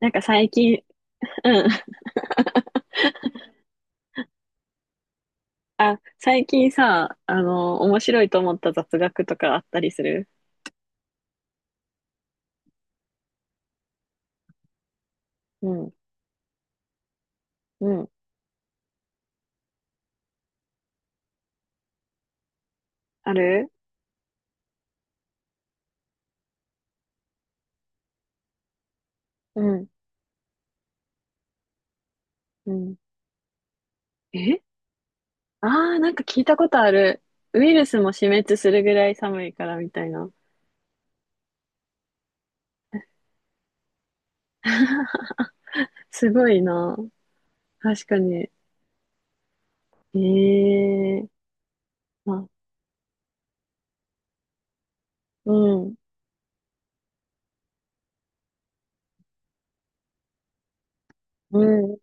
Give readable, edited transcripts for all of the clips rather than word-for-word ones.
なんか最近、うん。あ、最近さ、面白いと思った雑学とかあったりする？うん、うん。ある？うん、うん。え？ああー、なんか聞いたことある。ウイルスも死滅するぐらい寒いからみたいな。すごいな。確かに。ええ、あ、うん、うん。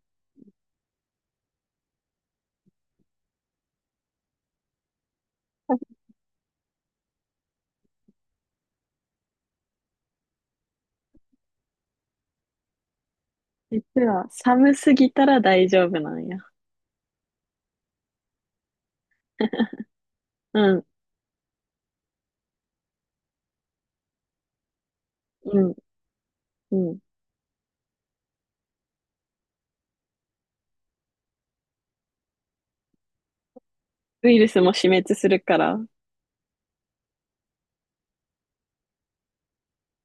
実は寒すぎたら大丈夫なんや。うん、うん、うん。ウイルスも死滅するから。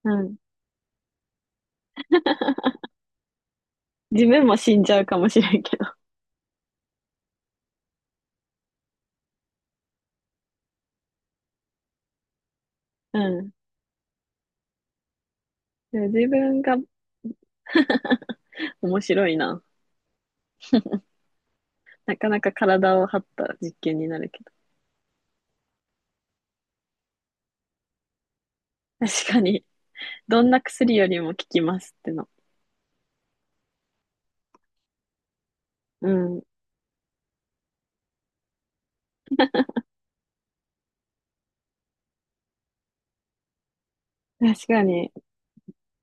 うん。自分も死んじゃうかもしれんけど。うん。でも自分が面白いな。なかなか体を張った実験になるけど。確かに、どんな薬よりも効きますっての。うん。確かに。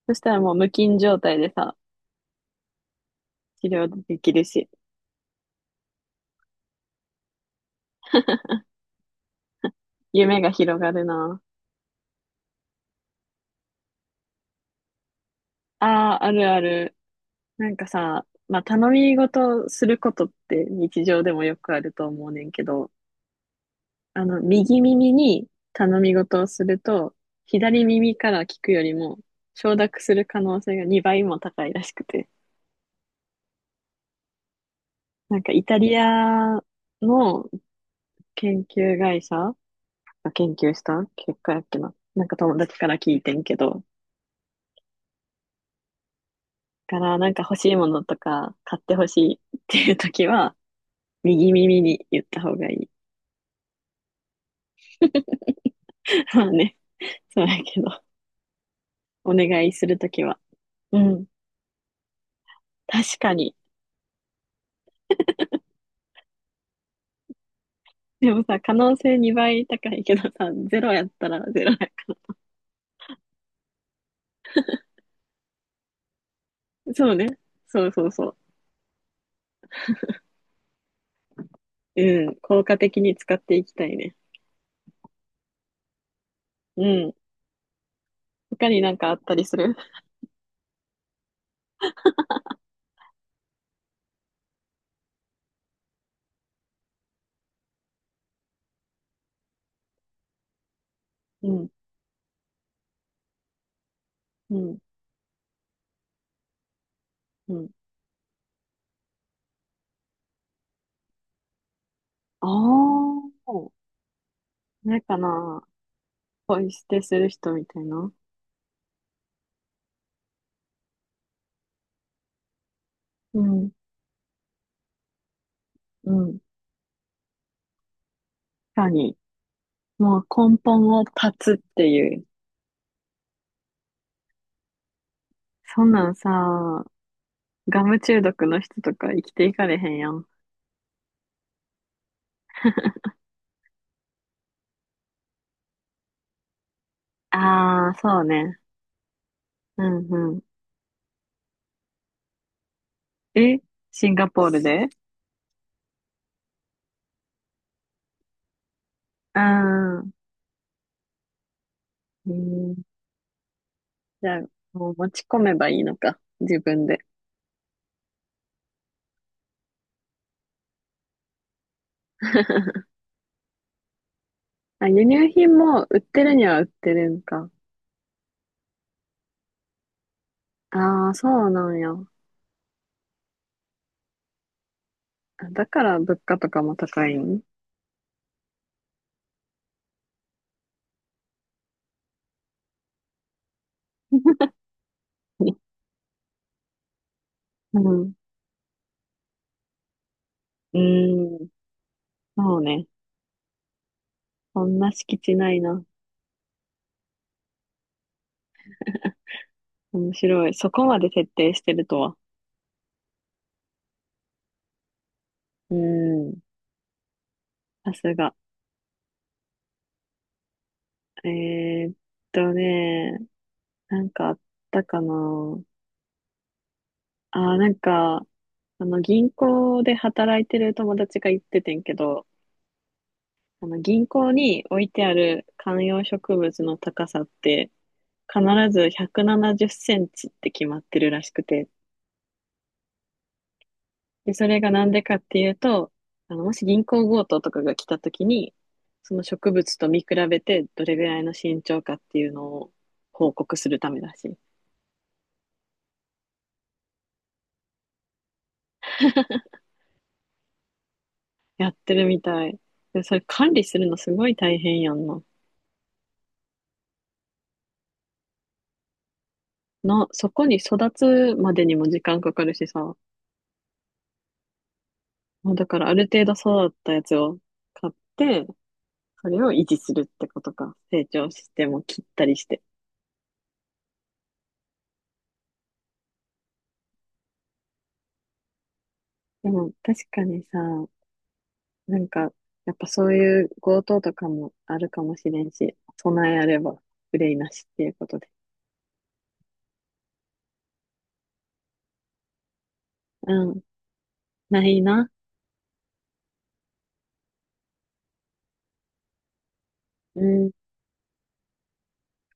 そしたらもう無菌状態でさ、治療できるし、夢が広がるな。ああ、あるある。なんかさ、まあ、頼み事することって日常でもよくあると思うねんけど、右耳に頼み事をすると、左耳から聞くよりも承諾する可能性が2倍も高いらしくて。なんかイタリアの研究会社が研究した結果やっけな。なんか友達から聞いてんけど、からなんか欲しいものとか買ってほしいっていう時は、右耳に言った方がいい。まあね、そうやけど、お願いするときは。うん、確かに。でもさ、可能性2倍高いけどさ、ゼロやったらゼロやから。そうね。そうそうそう。うん。効果的に使っていきたいね。うん。他になんかあったりする？うん、うん、うん。ああ、ないかな。ポイ捨てする人みたいな。うん、うん。確かに。もう根本を断つっていう。そんなんさ、ガム中毒の人とか生きていかれへんやん。ああ、そうね。うん、うん。え、シンガポールで？うん。うん、じゃあ、もう持ち込めばいいのか。自分で。あ、輸入品も売ってるには売ってるんか。ああ、そうなんや。あ、だから物価とかも高いん？ うん。うーん。そうね。そんな敷地ないな。面白い。そこまで徹底してるとは。うーん。さすが。えーっね、なんかあったかな。あー、なんか、銀行で働いてる友達が言っててんけど、あの銀行に置いてある観葉植物の高さって必ず170センチって決まってるらしくて、で、それがなんでかっていうと、もし銀行強盗とかが来た時に、その植物と見比べてどれぐらいの身長かっていうのを報告するためだし、やってるみたい。で、それ管理するのすごい大変やんな。な、そこに育つまでにも時間かかるしさ、まあだからある程度育ったやつを買って、それを維持するってことか。成長しても切ったりして。でも確かにさ、なんか、やっぱそういう強盗とかもあるかもしれんし、備えあれば憂いなしっていうことで。うん、ないな。うん、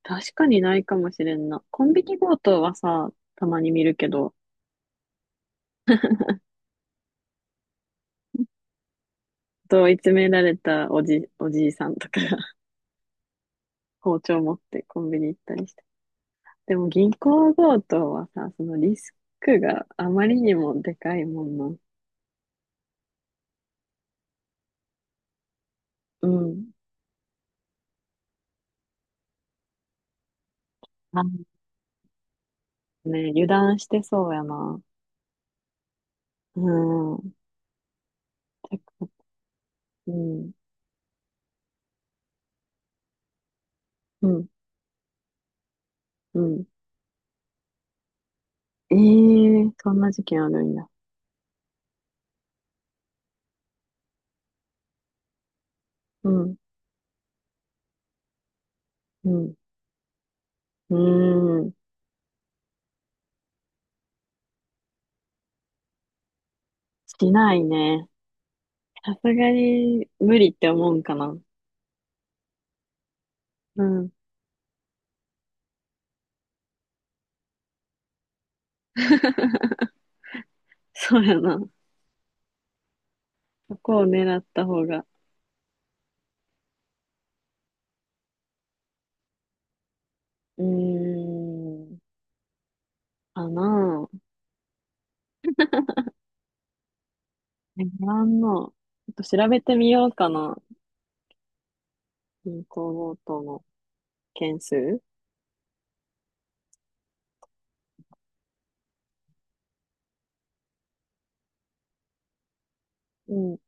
確かにないかもしれんな。コンビニ強盗はさ、たまに見るけど、問い詰められたおじいさんとかが 包丁持ってコンビニ行ったりして。でも銀行強盗はさ、そのリスクがあまりにもでかいもんな。うん。あ、ね、油断してそうやな。うん。てか、うん。うん。うん。ええー、そんな事件あるんや。うん。うん。うーん。しないね。さすがに無理って思うんかな。うん。そうやな。そこを狙った方が。うーん。かなぁ。え、ごの。ちょっと調べてみようかな。銀行強盗の件数。うん。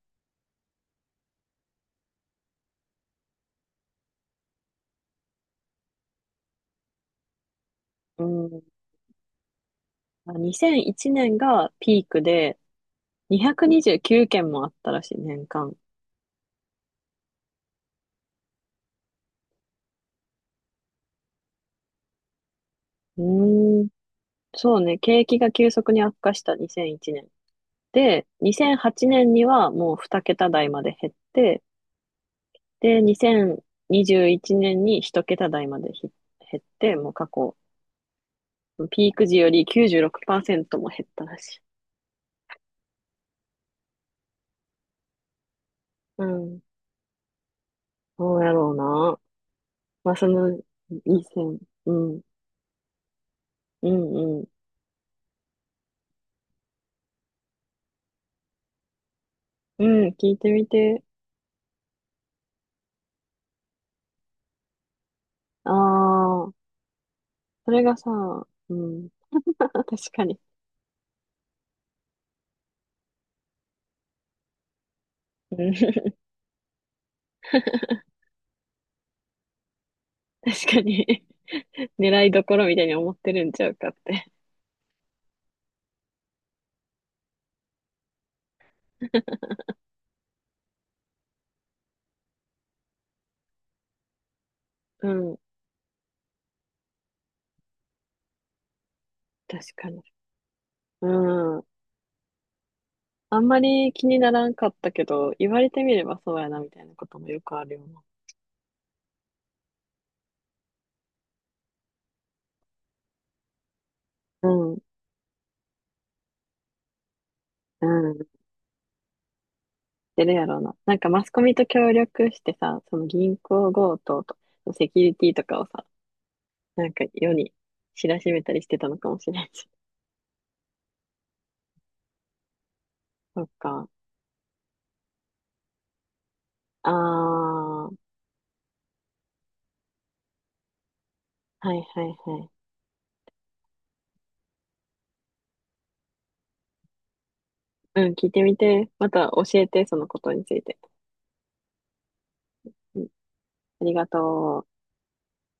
うん。あ、2001年がピークで、229件もあったらしい、年間。うーん、そうね、景気が急速に悪化した2001年。で、2008年にはもう2桁台まで減って、で、2021年に1桁台までひ減って、もう過去、ピーク時より96%も減ったらしい。うん。そうやろうな。まあ、その、2000、うん、うん、うん、うん、聞いてみて。ああ。それがさ、うん。確かに。うん。 確かに。 狙いどころみたいに思ってるんちゃうかって。 うん。確かに。うん。あんまり気にならんかったけど、言われてみればそうやなみたいなこともよくあるよな。うん。うん。出るやろうな。なんかマスコミと協力してさ、その銀行強盗とセキュリティとかをさ、なんか世に知らしめたりしてたのかもしれんし。そっか。ああ、はいはいはい。うん、聞いてみて。また教えて、そのことについて。うん、ありがとう。